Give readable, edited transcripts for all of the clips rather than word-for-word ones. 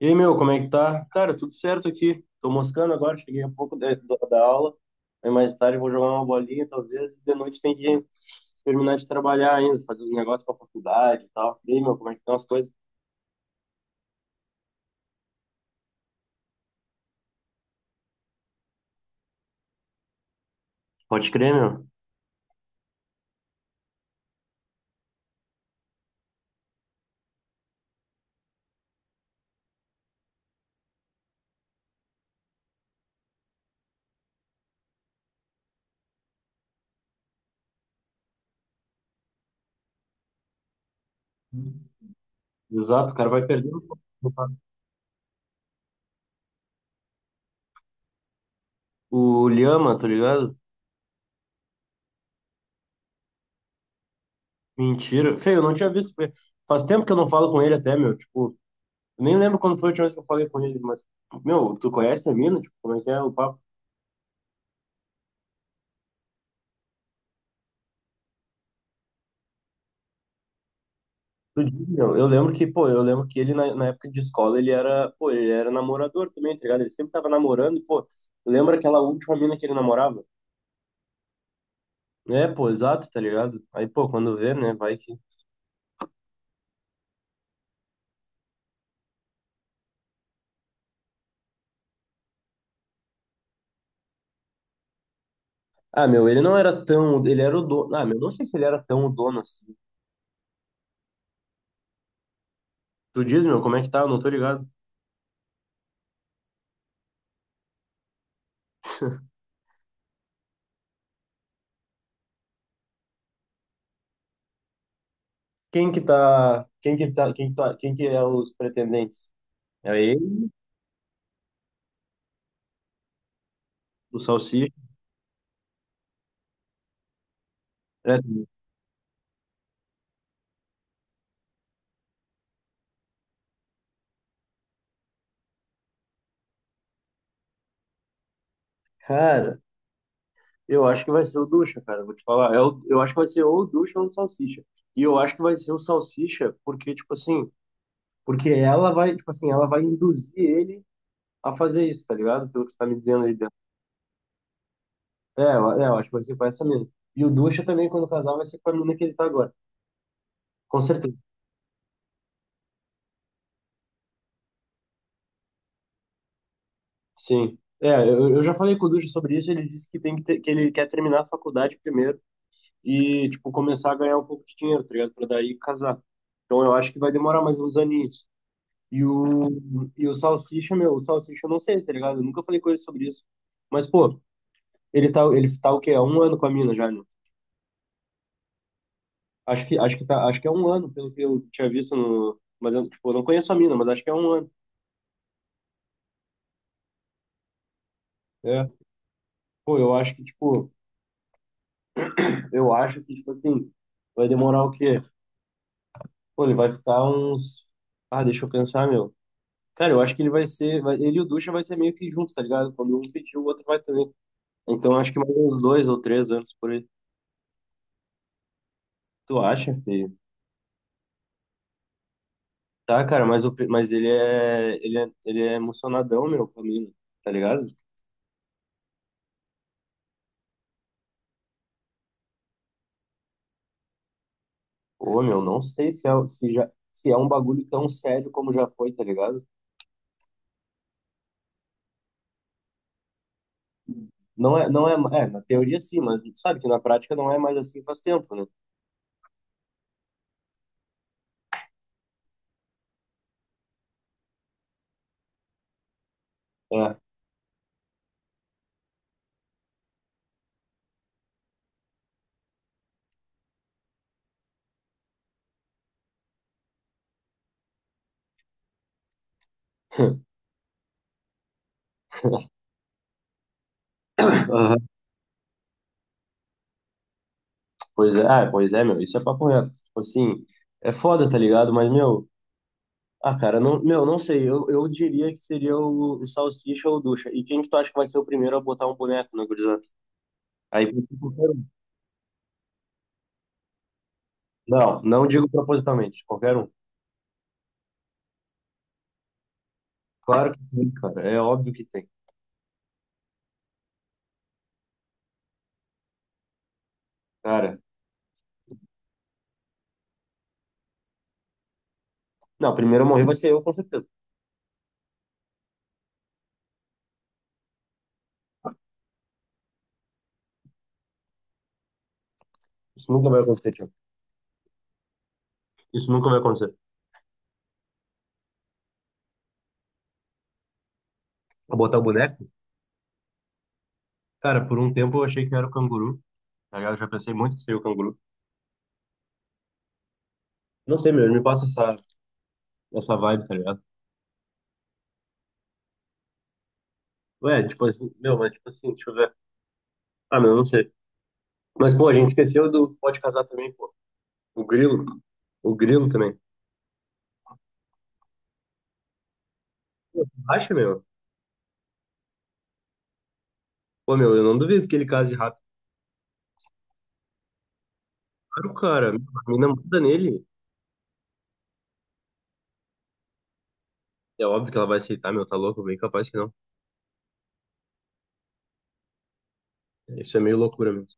E aí, meu, como é que tá? Cara, tudo certo aqui. Tô moscando agora, cheguei há pouco da aula. Aí mais tarde vou jogar uma bolinha, talvez. E de noite tem que terminar de trabalhar ainda, fazer os negócios pra faculdade e tal. E aí, meu, como é que estão as coisas? Pode crer, meu. Exato, o cara vai perdendo o Lhama, tá ligado? Mentira. Feio, eu não tinha visto. Faz tempo que eu não falo com ele até, meu. Tipo, eu nem lembro quando foi a última vez que eu falei com ele, mas, meu, tu conhece a mina? Tipo, como é que é o papo? Do Diggle, eu lembro que, pô, eu lembro que ele na época de escola, ele era, pô, ele era namorador também, tá ligado? Ele sempre tava namorando e, pô, lembra aquela última mina que ele namorava? É, pô, exato, tá ligado? Aí, pô, quando vê, né, vai que... Ah, meu, ele não era tão, ele era o dono, ah, meu, não sei se ele era tão o dono assim. Tu diz, meu, como é que tá? Eu não tô ligado. Quem que tá, quem que tá, quem que tá, Quem que é os pretendentes? É ele, o Salsicha, é... Cara, eu acho que vai ser o Ducha, cara. Vou te falar. Eu acho que vai ser ou o Ducha ou o Salsicha. E eu acho que vai ser o Salsicha, porque, tipo assim, porque ela vai, tipo assim, ela vai induzir ele a fazer isso, tá ligado? Pelo que você tá me dizendo aí dentro. Eu acho que vai ser com essa mina. E o Ducha também, quando casar, vai ser com a mina que ele tá agora. Com certeza. Sim. É, eu já falei com o Ducha sobre isso, ele disse que tem que ter, que ele quer terminar a faculdade primeiro e, tipo, começar a ganhar um pouco de dinheiro, tá ligado? Pra daí casar. Então eu acho que vai demorar mais uns aninhos. E o, e o Salsicha, meu, o Salsicha eu não sei, tá ligado? Eu nunca falei com ele sobre isso. Mas, pô, ele tá o quê? Há um ano com a mina já, né? Acho que tá, acho que é um ano, pelo que eu tinha visto no. Mas eu, tipo, eu não conheço a mina, mas acho que é um ano. É. Pô, eu acho que, tipo, eu acho que, tipo assim, vai demorar o quê? Pô, ele vai ficar uns. Ah, deixa eu pensar, meu. Cara, eu acho que ele vai ser. Vai- ele e o Ducha vai ser meio que junto, tá ligado? Quando um pedir, o outro vai também. Então acho que mais uns 2 ou 3 anos por aí. Tu acha, filho? Tá, cara, mas, o, pe- mas ele é, ele é, ele é emocionadão, meu, pra mim, tá ligado? Pô, meu, não sei se é, o- se já, se é um bagulho tão sério como já foi, tá ligado? Não é, não é, é, na teoria sim, mas sabe que na prática não é mais assim faz tempo, né? É. Aham. Pois é, ah, pois é, meu, isso é papo reto. Tipo assim, é foda, tá ligado? Mas, meu, ah, cara, não, meu, não sei, eu diria que seria o Salsicha ou o Ducha. E quem que tu acha que vai ser o primeiro a botar um boneco na gurizada? Aí, tipo, não, não digo propositalmente, qualquer um. Claro que tem, cara. É óbvio que tem. Cara, não, primeiro a morrer vai ser eu, com certeza. Isso nunca vai acontecer, Thiago. Isso nunca vai acontecer. Vou botar o boneco? Cara, por um tempo eu achei que era o canguru, tá ligado? Eu já pensei muito que seria o canguru. Não sei, meu, me passa essa, essa vibe, tá ligado? Ué, tipo assim, meu, mas tipo assim, deixa eu ver. Ah, meu, não sei. Mas, pô, a gente esqueceu do pode casar também, pô. O grilo. O grilo também. Pô, acha, meu? Pô, meu, eu não duvido que ele case rápido. Claro, cara, a mina muda nele. É óbvio que ela vai aceitar, meu, tá louco? Bem capaz que não. Isso é meio loucura mesmo.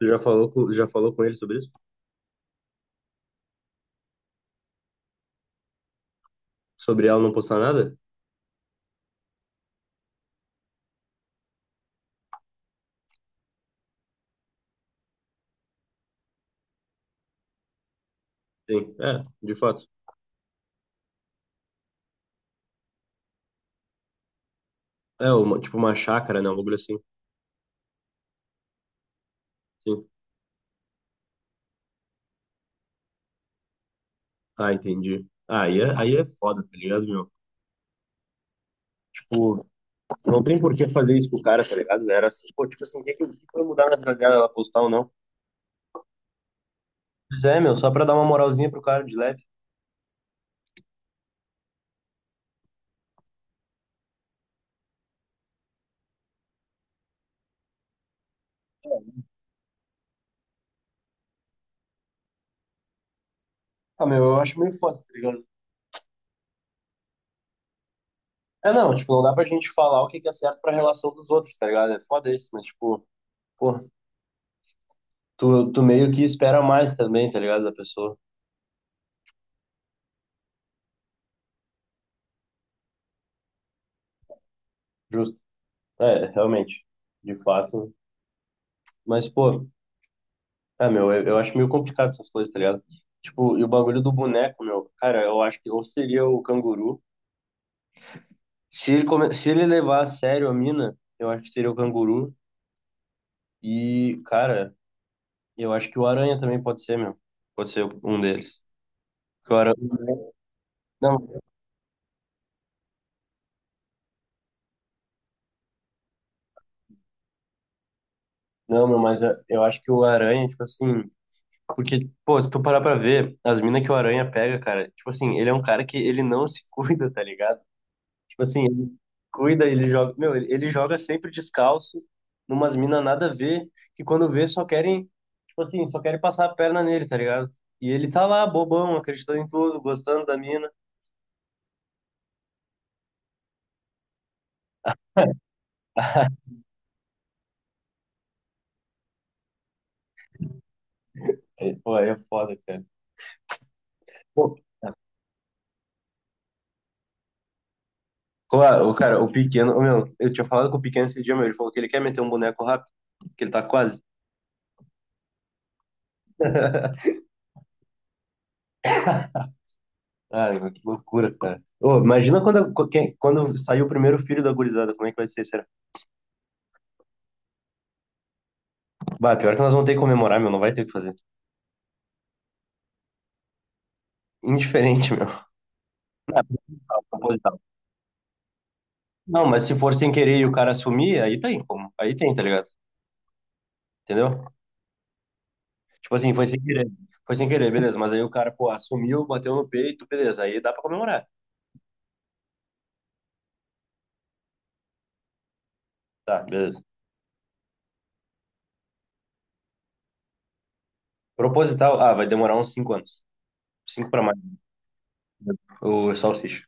Tu já falou com ele sobre isso? Sobre ela não postar nada? Sim, é, de fato. É, uma, tipo uma chácara, né? Um bagulho assim. Sim. Ah, entendi. Ah, aí é foda, tá ligado, meu? Tipo, não tem por que fazer isso com o cara, tá ligado? Era assim, pô, tipo assim, o que que vai mudar na vida dela, ela postar ou não? Pois é, meu, só pra dar uma moralzinha pro cara de leve. Ah, meu, eu acho meio foda, tá ligado? É, não, tipo, não dá pra gente falar o que que é certo pra relação dos outros, tá ligado? É foda isso, mas, tipo. Porra, tu meio que espera mais também, tá ligado? Da pessoa. Justo. É, realmente. De fato. Mas, pô, é, meu, eu acho meio complicado essas coisas, tá ligado? Tipo, e o bagulho do boneco, meu, cara, eu acho que ou seria o canguru. Se ele, come... Se ele levar a sério a mina, eu acho que seria o canguru. E, cara, eu acho que o aranha também pode ser, meu. Pode ser um deles. Porque o aranha... Não, não, meu, mas eu acho que o aranha, tipo assim. Porque, pô, se tu parar pra ver, as minas que o Aranha pega, cara, tipo assim, ele é um cara que ele não se cuida, tá ligado? Tipo assim, ele cuida, ele joga. Meu, ele joga sempre descalço, numas minas nada a ver, que quando vê só querem, tipo assim, só querem passar a perna nele, tá ligado? E ele tá lá, bobão, acreditando em tudo, gostando da mina. É, pô, aí é foda, cara. Pô, claro, o cara, o pequeno, ô, meu, eu tinha falado com o pequeno esse dia, meu, ele falou que ele quer meter um boneco rápido, que ele tá quase. Cara, que loucura, cara. Ô, imagina quando, co- quem- quando sair o primeiro filho da gurizada, como é que vai ser, será? Bah, pior que nós vamos ter que comemorar, meu, não vai ter o que fazer. Indiferente, meu. Ah, proposital. Não, mas se for sem querer e o cara assumir, aí tem como. Aí tem, tá ligado? Entendeu? Tipo assim, foi sem querer. Foi sem querer, beleza. Mas aí o cara, pô, assumiu, bateu no peito, beleza. Aí dá pra comemorar. Tá, beleza. Proposital, ah, vai demorar uns 5 anos. Cinco pra mais. O salsicha.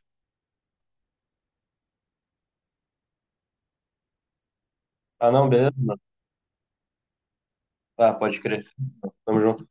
Ah, não, beleza. Mano. Ah, pode crer. Tamo junto.